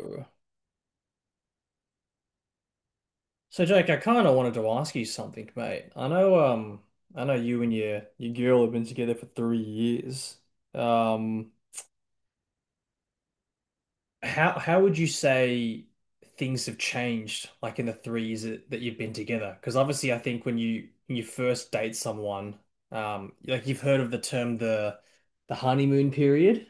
So Jake, I kind of wanted to ask you something, mate. I know you and your girl have been together for 3 years. Um, how would you say things have changed, like in the 3 years that you've been together? Because obviously, I think when you first date someone, like you've heard of the term the honeymoon period.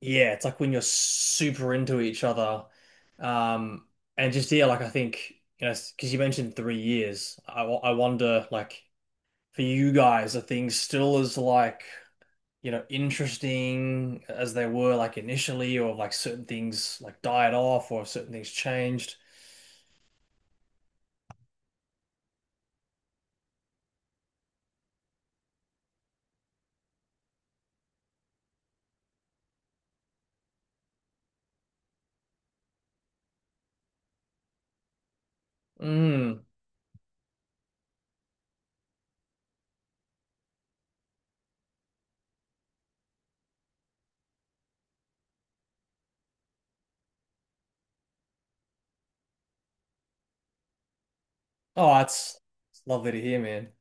Yeah, it's like when you're super into each other. Um, and just, yeah, like I think, you know, because you mentioned 3 years, I wonder, like, for you guys, are things still as, like, you know, interesting as they were, like, initially, or like certain things, like, died off, or certain things changed? Mm. Oh, that's it's lovely to hear, man.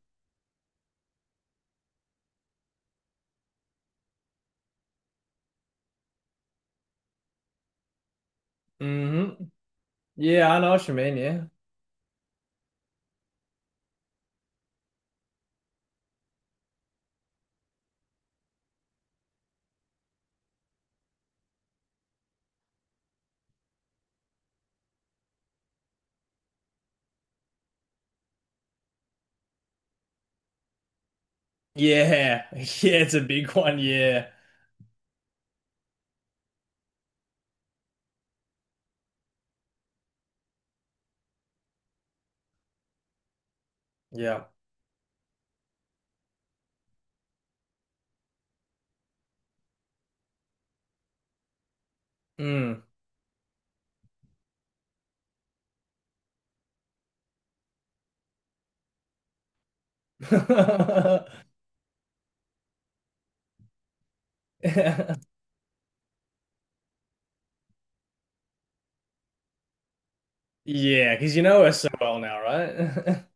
Hmm. Yeah, I know what you mean, yeah. Yeah, yeah, it's a big one, yeah. Yeah. Mm. Yeah, because you know her so well now, right?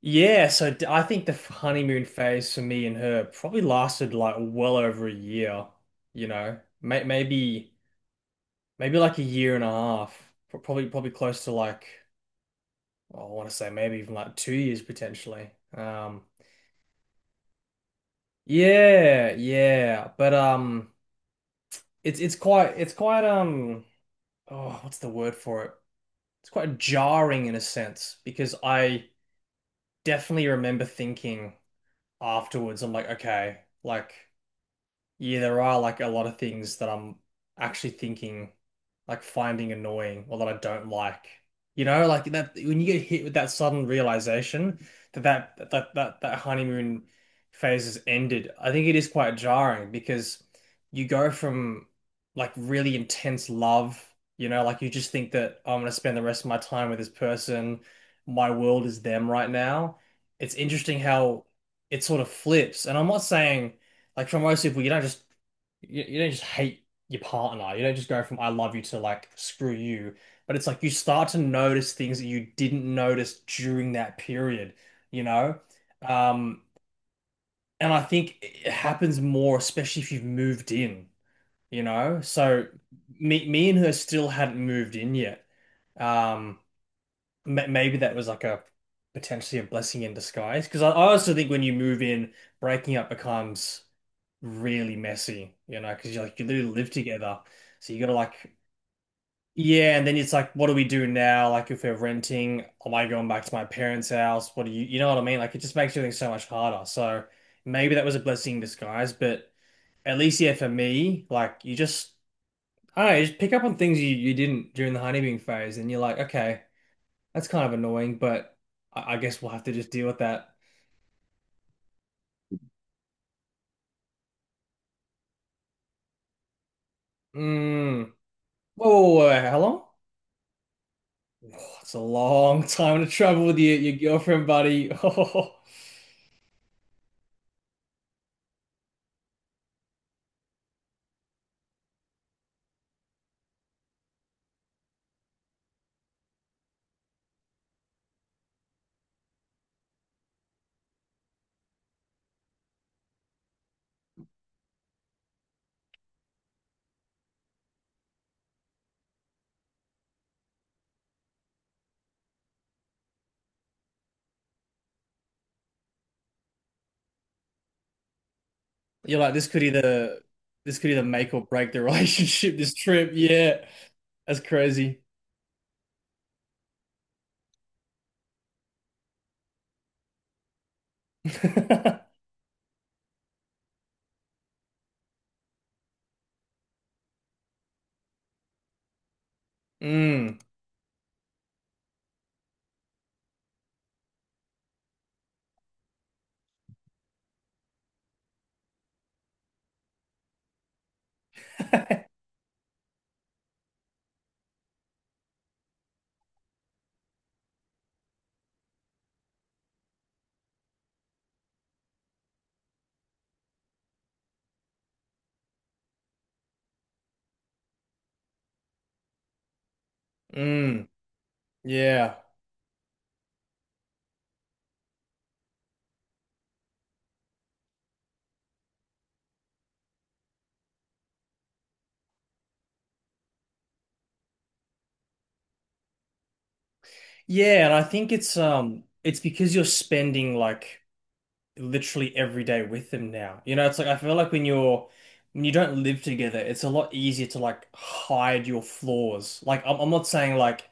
I think the honeymoon phase for me and her probably lasted like well over a year, you know, maybe maybe like a year and a half. Probably close to like, well, I want to say maybe even like 2 years potentially. Um, yeah, yeah, but it's it's quite oh, what's the word for it? It's quite jarring in a sense because I definitely remember thinking afterwards, I'm like, okay, like yeah, there are like a lot of things that I'm actually thinking, like finding annoying or that I don't like. You know, like that when you get hit with that sudden realization that that honeymoon phase has ended, I think it is quite jarring because you go from like really intense love, you know, like you just think that, "Oh, I'm gonna spend the rest of my time with this person, my world is them right now." It's interesting how it sort of flips, and I'm not saying, like, for most people, you don't you don't just hate your partner. You don't just go from "I love you" to like "screw you." But it's like you start to notice things that you didn't notice during that period, you know? Um, and I think it happens more, especially if you've moved in, you know? So me and her still hadn't moved in yet. Um, Maybe that was like a potentially a blessing in disguise. Because I also think when you move in, breaking up becomes really messy, you know, because you literally live together, so you gotta like, yeah, and then it's like, what do we do now? Like if we're renting, am I going back to my parents' house? What do you know what I mean? Like it just makes everything so much harder. So maybe that was a blessing in disguise, but at least yeah, for me, like you just I don't know, you just pick up on things you didn't during the honeymoon phase, and you're like, okay, that's kind of annoying, but I guess we'll have to just deal with that. Mm. Whoa, whoa, whoa, whoa, how long? Oh, it's a long time to travel with your girlfriend, buddy. Oh, you're like, this could either make or break the relationship, this trip. Yeah. That's crazy. Mm. Mm. Yeah. Yeah, and I think it's because you're spending like literally every day with them now. You know, it's like I feel like when you don't live together, it's a lot easier to like hide your flaws. Like I'm not saying like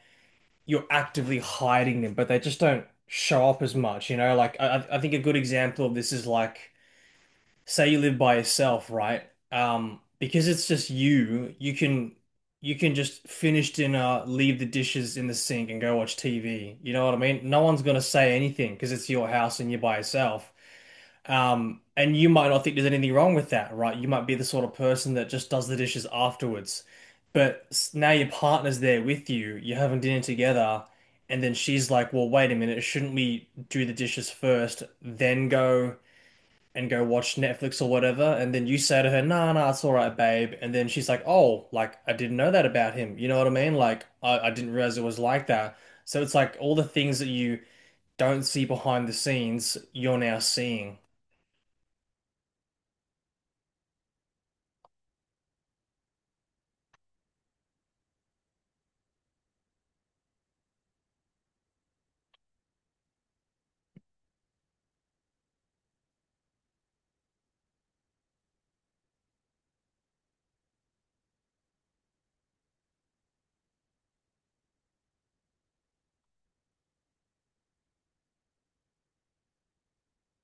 you're actively hiding them, but they just don't show up as much, you know? Like I think a good example of this is like, say you live by yourself, right? Because it's just you, you can just finish dinner, leave the dishes in the sink and go watch TV. You know what I mean? No one's gonna say anything because it's your house and you're by yourself. And you might not think there's anything wrong with that, right? You might be the sort of person that just does the dishes afterwards. Now your partner's there with you, you're having dinner together, and then she's like, well, wait a minute, shouldn't we do the dishes first, then go watch Netflix or whatever? And then you say to her, nah, nah, it's all right, babe. And then she's like, oh, like, I didn't know that about him. You know what I mean? Like, I didn't realize it was like that. So it's like all the things that you don't see behind the scenes, you're now seeing.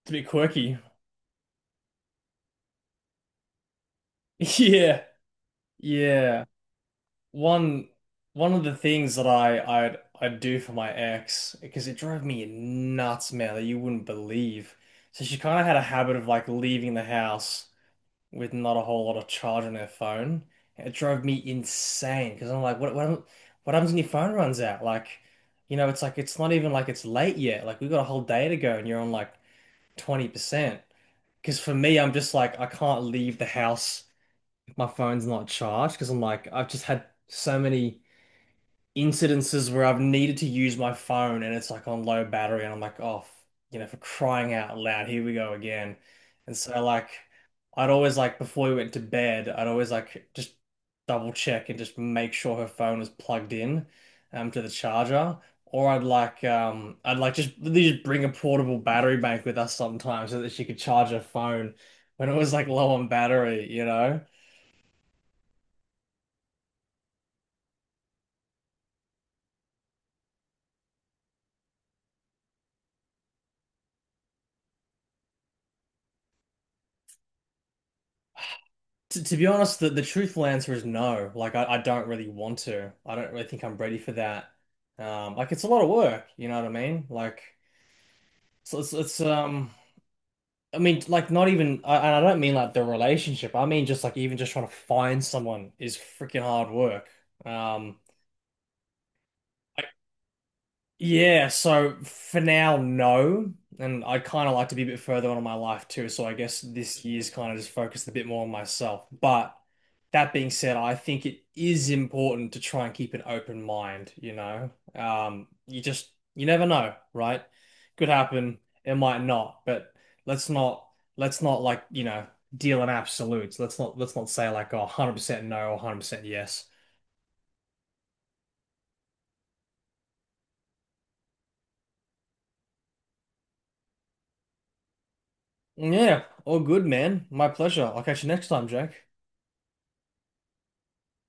It's a bit quirky. Yeah, yeah. One one of the things that I'd do for my ex because it drove me nuts, man, that you wouldn't believe. So she kind of had a habit of like leaving the house with not a whole lot of charge on her phone. It drove me insane because I'm like, what happens when your phone runs out? Like, you know, it's like it's not even like it's late yet. Like we've got a whole day to go and you're on like 20%. Because for me, I'm just like I can't leave the house my phone's not charged because I'm like I've just had so many incidences where I've needed to use my phone and it's like on low battery and I'm like, oh f-, you know, for crying out loud, here we go again. And so like I'd always like before we went to bed I'd always like just double check and just make sure her phone was plugged in to the charger, or I'd like just they just bring a portable battery bank with us sometimes so that she could charge her phone when it was like low on battery, you know. To be honest, the truthful answer is no. Like, I don't really want to. I don't really think I'm ready for that. Like, it's a lot of work, you know what I mean? Like, so I mean, like, not even, and I don't mean like the relationship. I mean, just like, even just trying to find someone is freaking hard work. Um, Yeah, so for now, no. And I kind of like to be a bit further on in my life too. So I guess this year's kind of just focused a bit more on myself. But that being said, I think it is important to try and keep an open mind, you know? You never know, right? Could happen, it might not, but let's not, let's not like, you know, deal in absolutes. Let's not say like, oh, 100% no or 100% yes. Yeah, all good, man. My pleasure. I'll catch you next time, Jake.